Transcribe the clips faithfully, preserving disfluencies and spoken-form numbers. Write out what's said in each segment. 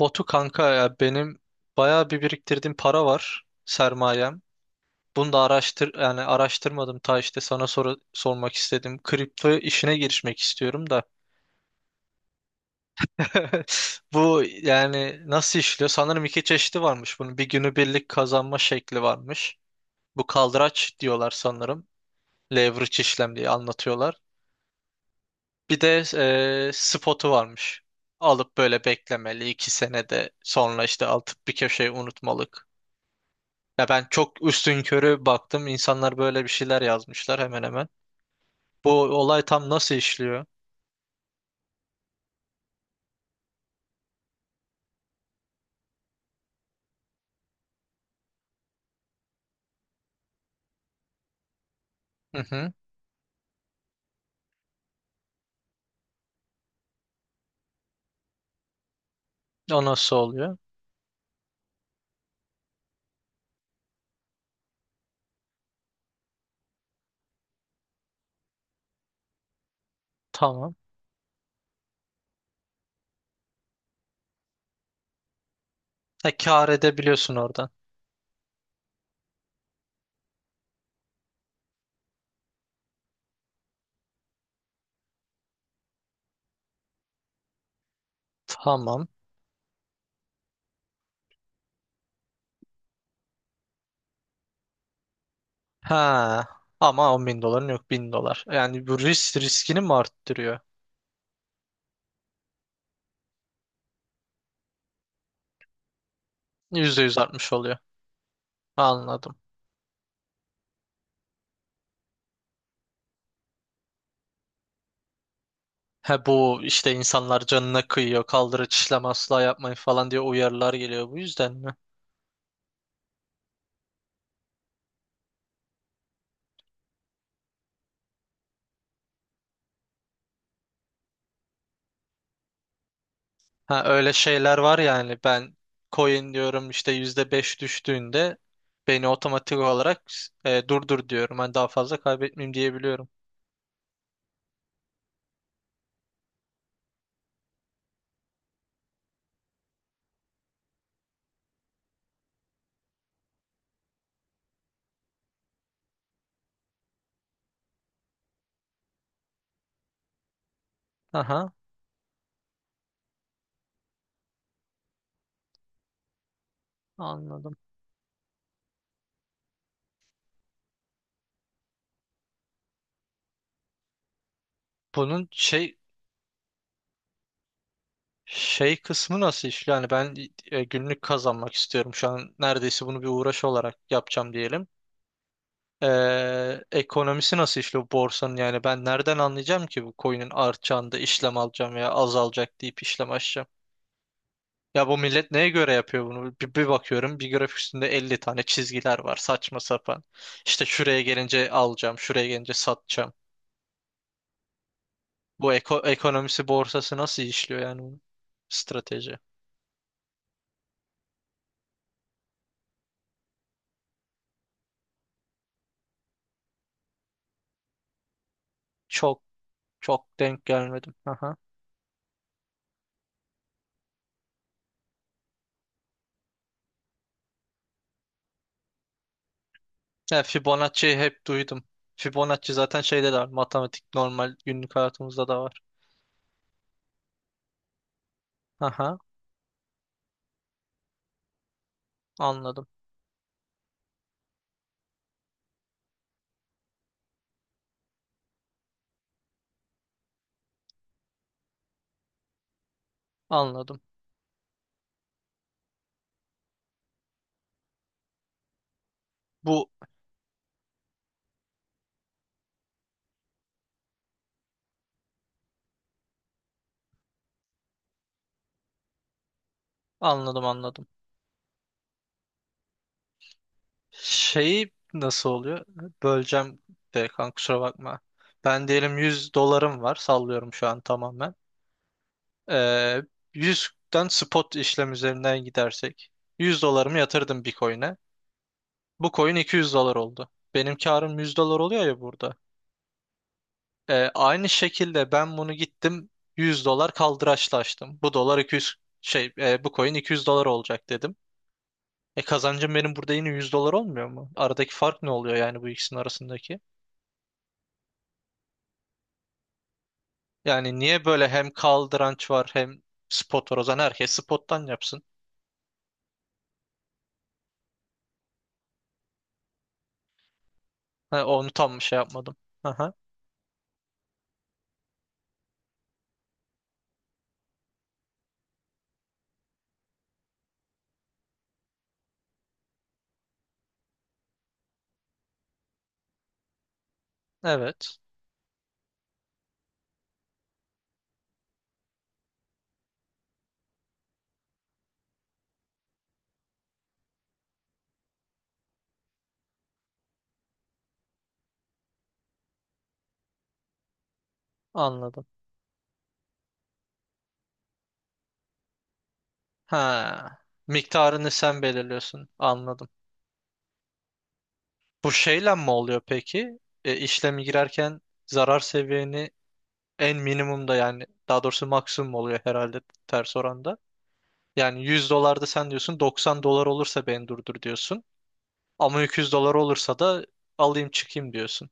Botu kanka ya benim bayağı bir biriktirdiğim para var sermayem. Bunu da araştır yani araştırmadım ta işte sana soru sormak istedim. Kripto işine girişmek istiyorum da. Bu yani nasıl işliyor? Sanırım iki çeşidi varmış bunun. Bir günübirlik kazanma şekli varmış. Bu kaldıraç diyorlar sanırım. Leverage işlem diye anlatıyorlar. Bir de e, spotu varmış. Alıp böyle beklemeli iki senede sonra işte alıp bir köşeye unutmalık. Ya ben çok üstünkörü baktım. İnsanlar böyle bir şeyler yazmışlar hemen hemen. Bu olay tam nasıl işliyor? Hı hı. O nasıl oluyor? Tamam. E kâr edebiliyorsun oradan. Tamam. Ha. Ama 10 bin doların yok, bin dolar. Yani bu risk riskini mi arttırıyor? Yüzde yüz artmış oluyor. Anladım. He bu işte insanlar canına kıyıyor. Kaldırı işlem asla yapmayın falan diye uyarılar geliyor. Bu yüzden mi? Ha, öyle şeyler var yani ben coin diyorum işte yüzde beş düştüğünde beni otomatik olarak e, durdur diyorum. Hani daha fazla kaybetmeyeyim diyebiliyorum. Aha, anladım. Bunun şey şey kısmı nasıl işliyor? Yani ben e, günlük kazanmak istiyorum. Şu an neredeyse bunu bir uğraş olarak yapacağım diyelim. Ee, ekonomisi nasıl işliyor borsanın, yani ben nereden anlayacağım ki bu coin'in artacağını da işlem alacağım veya azalacak deyip işlem açacağım? Ya bu millet neye göre yapıyor bunu? Bir, bir bakıyorum bir grafik üstünde elli tane çizgiler var saçma sapan. İşte şuraya gelince alacağım, şuraya gelince satacağım. Bu eko- ekonomisi, borsası nasıl işliyor yani bunun? Strateji. Çok çok denk gelmedim. Aha. Ya Fibonacci'yi hep duydum. Fibonacci zaten şeyde de var. Matematik normal günlük hayatımızda da var. Aha, anladım. Anladım. Bu anladım anladım. Şeyi nasıl oluyor? Böleceğim de kanka, kusura bakma. Ben diyelim yüz dolarım var. Sallıyorum şu an tamamen. Ee, yüzden spot işlem üzerinden gidersek. Yüz dolarımı yatırdım bir coin'e. Bu coin iki yüz dolar oldu. Benim karım yüz dolar oluyor ya burada. Ee, aynı şekilde ben bunu gittim yüz dolar kaldıraçla açtım. Bu dolar iki yüz şey e, bu coin iki yüz dolar olacak dedim. E kazancım benim burada yine yüz dolar olmuyor mu? Aradaki fark ne oluyor yani bu ikisinin arasındaki? Yani niye böyle hem kaldıranç var hem spot var? O zaman herkes spottan yapsın. Ha, onu tam şey yapmadım. Aha, evet anladım. Ha, miktarını sen belirliyorsun, anladım. Bu şeyle mi oluyor peki? E, işlemi girerken zarar seviyeni en minimumda, yani daha doğrusu maksimum oluyor herhalde ters oranda. Yani yüz dolarda sen diyorsun doksan dolar olursa beni durdur diyorsun. Ama iki yüz dolar olursa da alayım çıkayım diyorsun.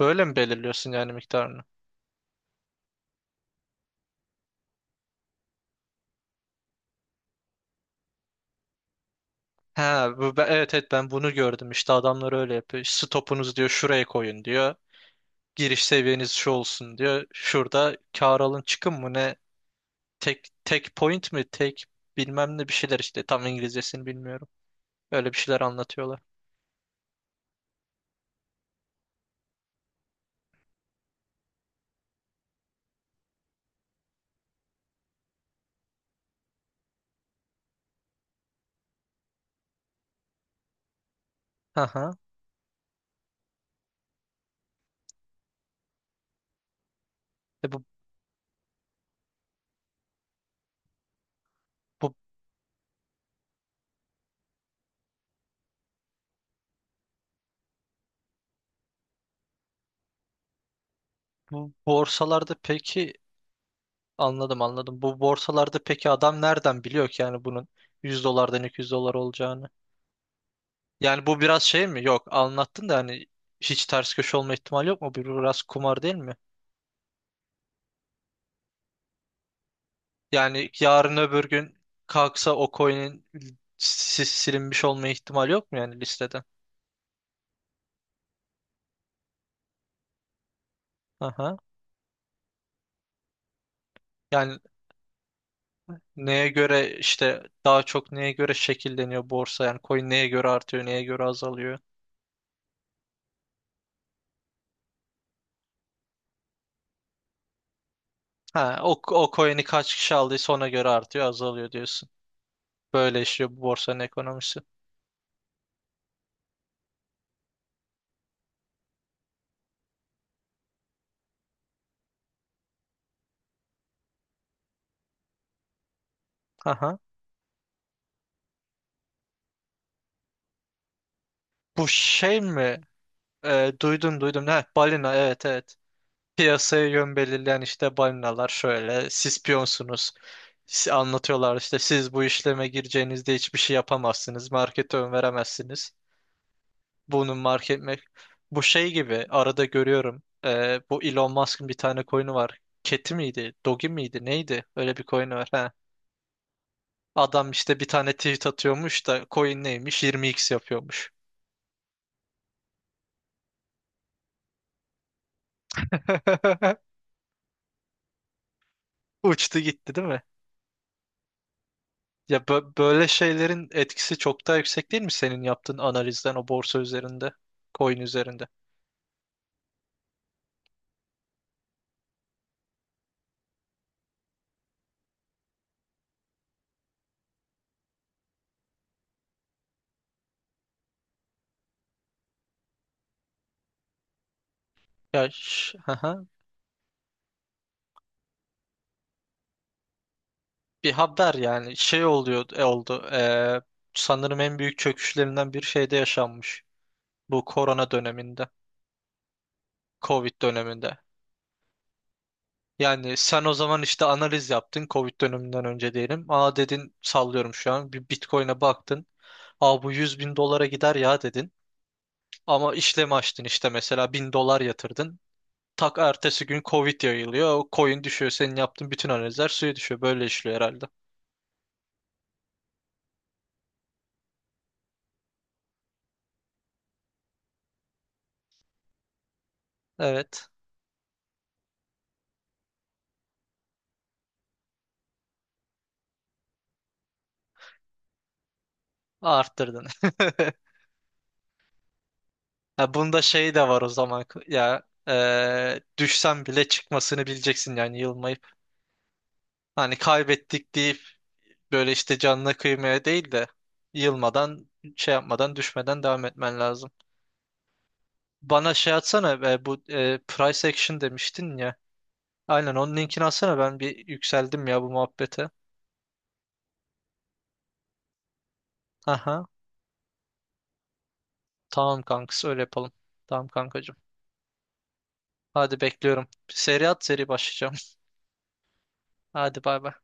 Böyle mi belirliyorsun yani miktarını? Ha, bu, ben, evet evet ben bunu gördüm. İşte adamlar öyle yapıyor. Stopunuz diyor şuraya koyun diyor. Giriş seviyeniz şu olsun diyor. Şurada kâr alın çıkın mı ne? Tek tek point mi? Tek bilmem ne bir şeyler işte. Tam İngilizcesini bilmiyorum. Öyle bir şeyler anlatıyorlar. Aha. E bu, bu, bu borsalarda peki, anladım anladım. Bu borsalarda peki adam nereden biliyor ki yani bunun yüz dolardan iki yüz dolar olacağını? Yani bu biraz şey mi? Yok anlattın da hani, hiç ters köşe olma ihtimali yok mu? Bu biraz kumar değil mi? Yani yarın öbür gün kalksa o coin'in si- silinmiş olma ihtimali yok mu yani listeden? Aha. Yani neye göre işte, daha çok neye göre şekilleniyor borsa, yani coin neye göre artıyor neye göre azalıyor? Ha, o, o coin'i kaç kişi aldıysa ona göre artıyor azalıyor diyorsun. Böyle işliyor bu borsanın ekonomisi. Aha. Bu şey mi? Ee, duydum duydum. Ha, balina, evet evet. Piyasaya yön belirleyen işte balinalar, şöyle siz piyonsunuz. Si- anlatıyorlar işte, siz bu işleme gireceğinizde hiçbir şey yapamazsınız, markete ön veremezsiniz bunun market me- bu şey gibi arada görüyorum. Ee, bu Elon Musk'ın bir tane coin'i var, Keti miydi Dogi miydi neydi, öyle bir coin'i var ha. Adam işte bir tane tweet atıyormuş da coin neymiş yirmi x yapıyormuş. Uçtu gitti değil mi? Ya bö- böyle şeylerin etkisi çok daha yüksek değil mi senin yaptığın analizden, o borsa üzerinde, coin üzerinde? Ya ş- hı, hı. Bir haber yani şey oluyor e, oldu. E, sanırım en büyük çöküşlerinden bir şeyde yaşanmış. Bu korona döneminde, Covid döneminde. Yani sen o zaman işte analiz yaptın Covid döneminden önce diyelim. Aa dedin, sallıyorum şu an, bir Bitcoin'e baktın. Aa bu yüz bin dolara gider ya dedin. Ama işlem açtın işte, mesela bin dolar yatırdın. Tak ertesi gün Covid yayılıyor. O coin düşüyor. Senin yaptığın bütün analizler suya düşüyor. Böyle işliyor herhalde. Evet. Arttırdın. Ha, bunda şey de var o zaman. Ya eee düşsen bile çıkmasını bileceksin yani, yılmayıp. Hani kaybettik deyip böyle işte canına kıymaya değil de, yılmadan şey yapmadan düşmeden devam etmen lazım. Bana şey atsana, e, bu e, price action demiştin ya. Aynen onun linkini atsana, ben bir yükseldim ya bu muhabbete. Aha. Tamam kankası, öyle yapalım. Tamam kankacığım. Hadi bekliyorum. Seri at, seri başlayacağım. Hadi bay bay.